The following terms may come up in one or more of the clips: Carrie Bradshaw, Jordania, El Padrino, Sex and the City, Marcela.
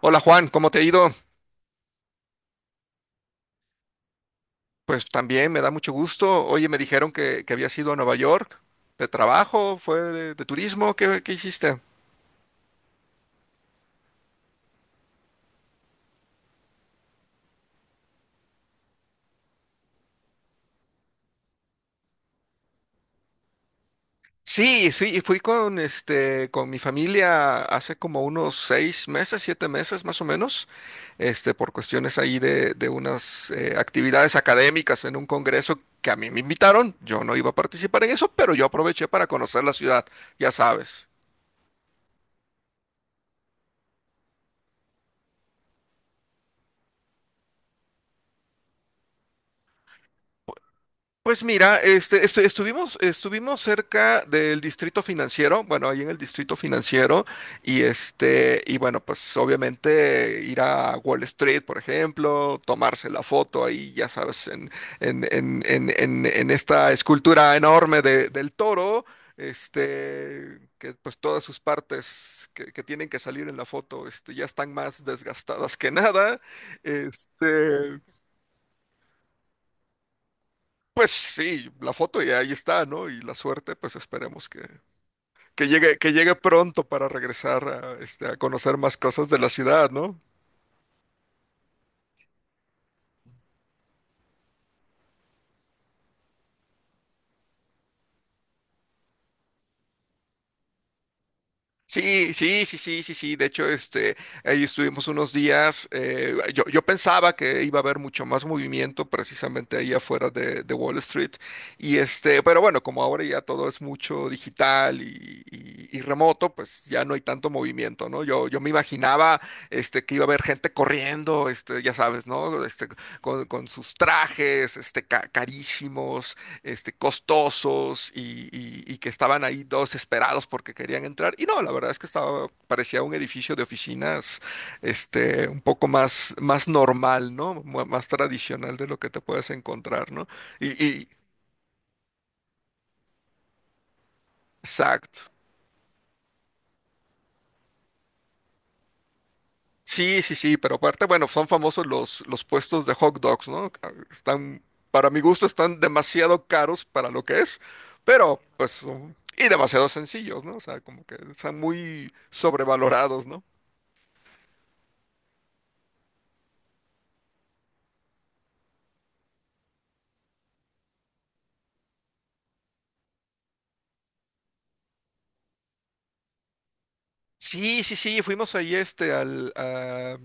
Hola Juan, ¿cómo te ha ido? Pues también me da mucho gusto. Oye, me dijeron que habías ido a Nueva York de trabajo, fue de turismo, ¿qué hiciste? Sí, sí, y fui con con mi familia hace como unos seis meses, siete meses más o menos, por cuestiones ahí de unas actividades académicas en un congreso que a mí me invitaron. Yo no iba a participar en eso, pero yo aproveché para conocer la ciudad, ya sabes. Pues mira, estuvimos, estuvimos cerca del distrito financiero, bueno, ahí en el distrito financiero, y y bueno, pues obviamente ir a Wall Street, por ejemplo, tomarse la foto ahí, ya sabes, en esta escultura enorme del toro, que pues todas sus partes que tienen que salir en la foto, ya están más desgastadas que nada. Este, pues sí, la foto ya ahí está, ¿no? Y la suerte, pues esperemos que llegue pronto para regresar a, a conocer más cosas de la ciudad, ¿no? Sí, sí, sí, sí, sí, sí. De hecho, ahí estuvimos unos días. Yo pensaba que iba a haber mucho más movimiento precisamente ahí afuera de Wall Street. Y pero bueno, como ahora ya todo es mucho digital y, y remoto, pues ya no hay tanto movimiento, ¿no? Yo me imaginaba, que iba a haber gente corriendo, ya sabes, ¿no? Con sus trajes, carísimos, costosos y, y que estaban ahí todos desesperados porque querían entrar. Y no, la verdad es que estaba, parecía un edificio de oficinas, un poco más, más normal, ¿no? Más tradicional de lo que te puedes encontrar, ¿no? Y, exacto. Sí, sí, sí, pero aparte, bueno, son famosos los puestos de hot dogs, ¿no? Ah, están, para mi gusto, están demasiado caros para lo que es, Y demasiado sencillos, ¿no? O sea, como que están muy sobrevalorados, ¿no? Sí, sí, sí, fuimos ahí este al a-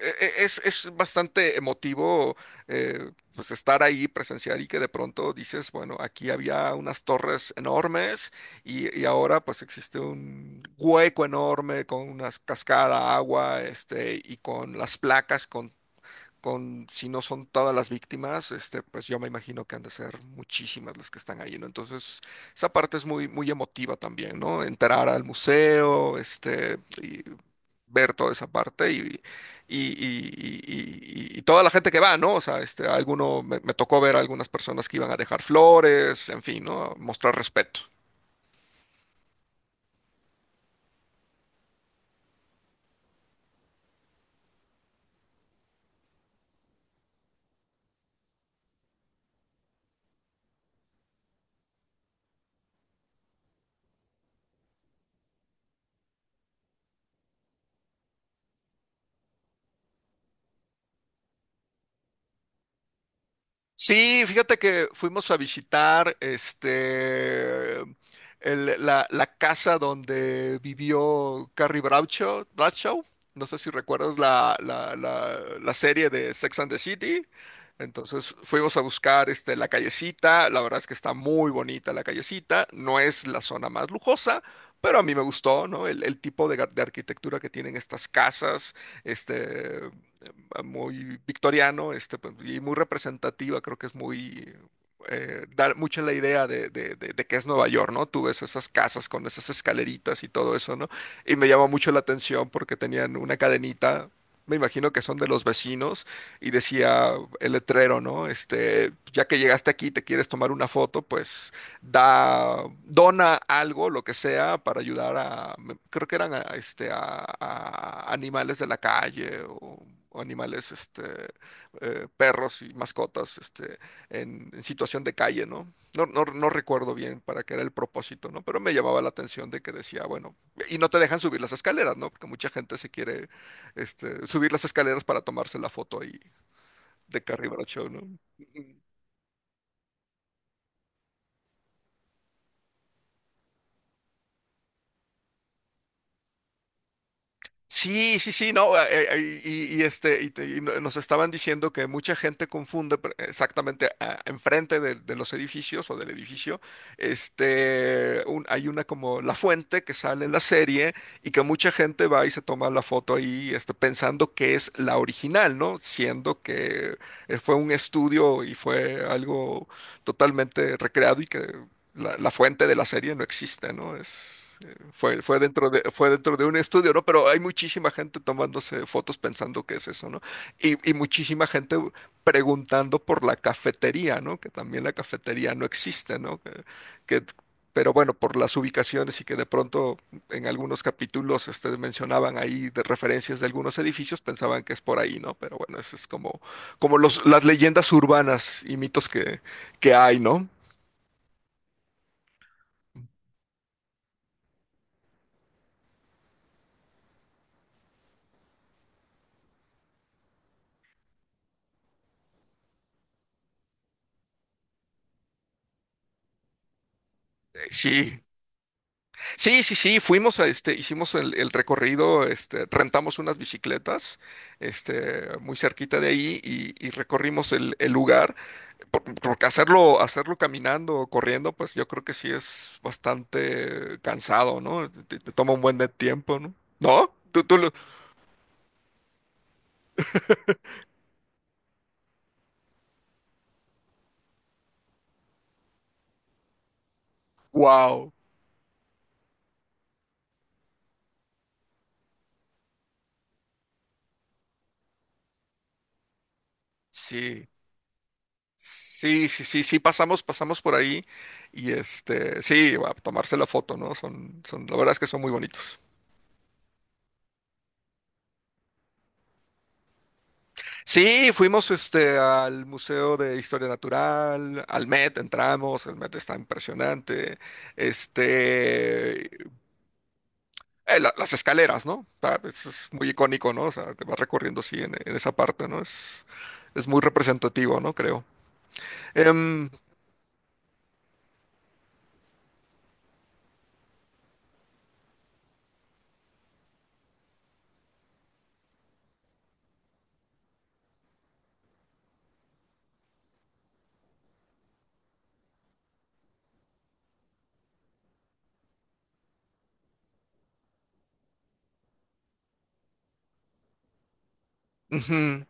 e- e- es bastante emotivo, pues estar ahí, presenciar y que de pronto dices, bueno, aquí había unas torres enormes y ahora pues existe un hueco enorme con una cascada, agua, y con las placas con si no son todas las víctimas, pues yo me imagino que han de ser muchísimas las que están ahí, ¿no? Entonces, esa parte es muy, muy emotiva también, ¿no? Entrar al museo, y ver toda esa parte y, y, y- y toda la gente que va, ¿no? O sea, me tocó ver a algunas personas que iban a dejar flores, en fin, ¿no? Mostrar respeto. Sí, fíjate que fuimos a visitar la casa donde vivió Carrie Bradshaw, Bradshaw. No sé si recuerdas la serie de Sex and the City. Entonces fuimos a buscar la callecita. La verdad es que está muy bonita la callecita. No es la zona más lujosa, pero a mí me gustó, ¿no? El tipo de, de arquitectura que tienen estas casas. Este, muy victoriano, pues, y muy representativa, creo que es muy, da mucho la idea de que es Nueva York, ¿no? Tú ves esas casas con esas escaleritas y todo eso, ¿no? Y me llama mucho la atención porque tenían una cadenita, me imagino que son de los vecinos, y decía el letrero, ¿no? Ya que llegaste aquí y te quieres tomar una foto, pues dona algo, lo que sea, para ayudar a, creo que eran a, a animales de la calle o animales, perros y mascotas, en situación de calle, ¿no? No, no, no recuerdo bien para qué era el propósito, ¿no? Pero me llamaba la atención de que decía, bueno, y no te dejan subir las escaleras, ¿no? Porque mucha gente se quiere, subir las escaleras para tomarse la foto ahí de Carrie Bradshaw, ¿no? Sí, sí, sí, no, y nos estaban diciendo que mucha gente exactamente enfrente de los edificios o del edificio, hay una como la fuente que sale en la serie y que mucha gente va y se toma la foto ahí, pensando que es la original, ¿no? Siendo que fue un estudio y fue algo totalmente recreado y que la fuente de la serie no existe, ¿no? Fue dentro de un estudio, ¿no? Pero hay muchísima gente tomándose fotos pensando que es eso, ¿no? Y muchísima gente preguntando por la cafetería, ¿no? Que también la cafetería no existe, ¿no? Que- pero bueno, por las ubicaciones y que de pronto en algunos capítulos mencionaban ahí de referencias de algunos edificios, pensaban que es por ahí, ¿no? Pero bueno, eso es como, como los, las leyendas urbanas y mitos que hay, ¿no? Sí, sí, sí, sí, fuimos a hicimos el recorrido, rentamos unas bicicletas, muy cerquita de ahí y recorrimos el lugar, porque hacerlo, hacerlo caminando o corriendo, pues yo creo que sí es bastante cansado, ¿no? Te, te toma un buen de tiempo, ¿no? ¿No? Tú lo... ¡Wow! Sí. Sí, sí, sí, sí, pasamos, pasamos por ahí y sí, a tomarse la foto, ¿no? Son, son, la verdad es que son muy bonitos. Sí, fuimos al Museo de Historia Natural, al Met, entramos, el Met está impresionante. Este, las escaleras, ¿no? O sea, es muy icónico, ¿no? O sea, te vas recorriendo así en esa parte, ¿no? Es muy representativo, ¿no? Creo. Em, ujú,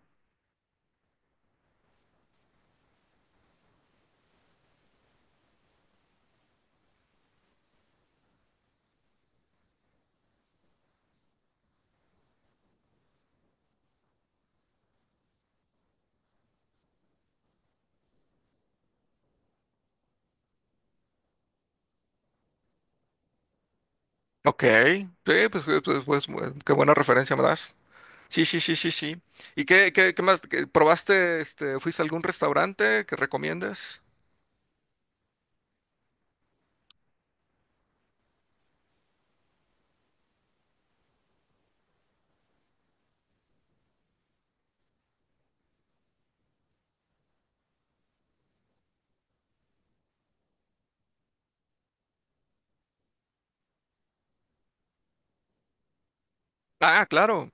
ok, sí, pues, pues, pues, pues, qué buena referencia me das. Sí, sí, sí, sí, sí. ¿Y qué, qué, qué más? ¿Probaste, fuiste a algún restaurante que recomiendes? Ah, claro.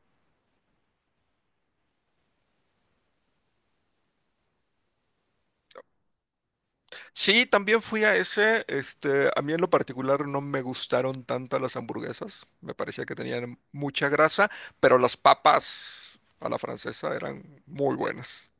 Sí, también fui a ese. A mí en lo particular no me gustaron tanto las hamburguesas. Me parecía que tenían mucha grasa, pero las papas a la francesa eran muy buenas.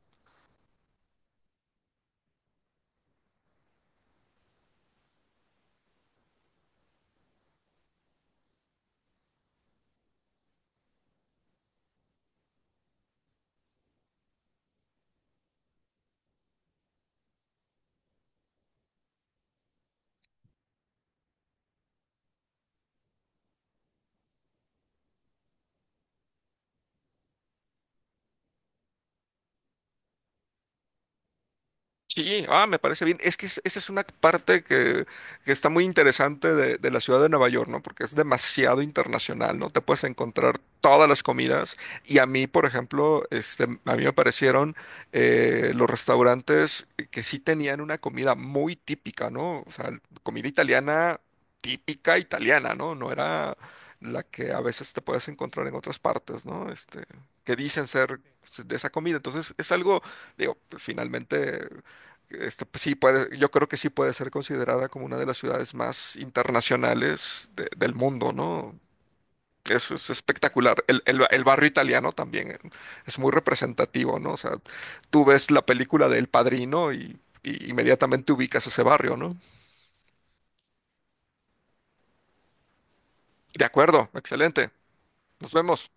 Sí, ah, me parece bien. Es que esa es una parte que está muy interesante de la ciudad de Nueva York, ¿no? Porque es demasiado internacional, ¿no? Te puedes encontrar todas las comidas. Y a mí, por ejemplo, a mí me parecieron los restaurantes que sí tenían una comida muy típica, ¿no? O sea, comida italiana típica italiana, ¿no? No era la que a veces te puedes encontrar en otras partes, ¿no? Que dicen ser de esa comida. Entonces, es algo, digo, pues, finalmente. Pues, sí puede, yo creo que sí puede ser considerada como una de las ciudades más internacionales del mundo, ¿no? Eso es espectacular. El, el barrio italiano también es muy representativo, ¿no? O sea, tú ves la película de El Padrino y inmediatamente ubicas ese barrio, ¿no? De acuerdo, excelente. Nos vemos.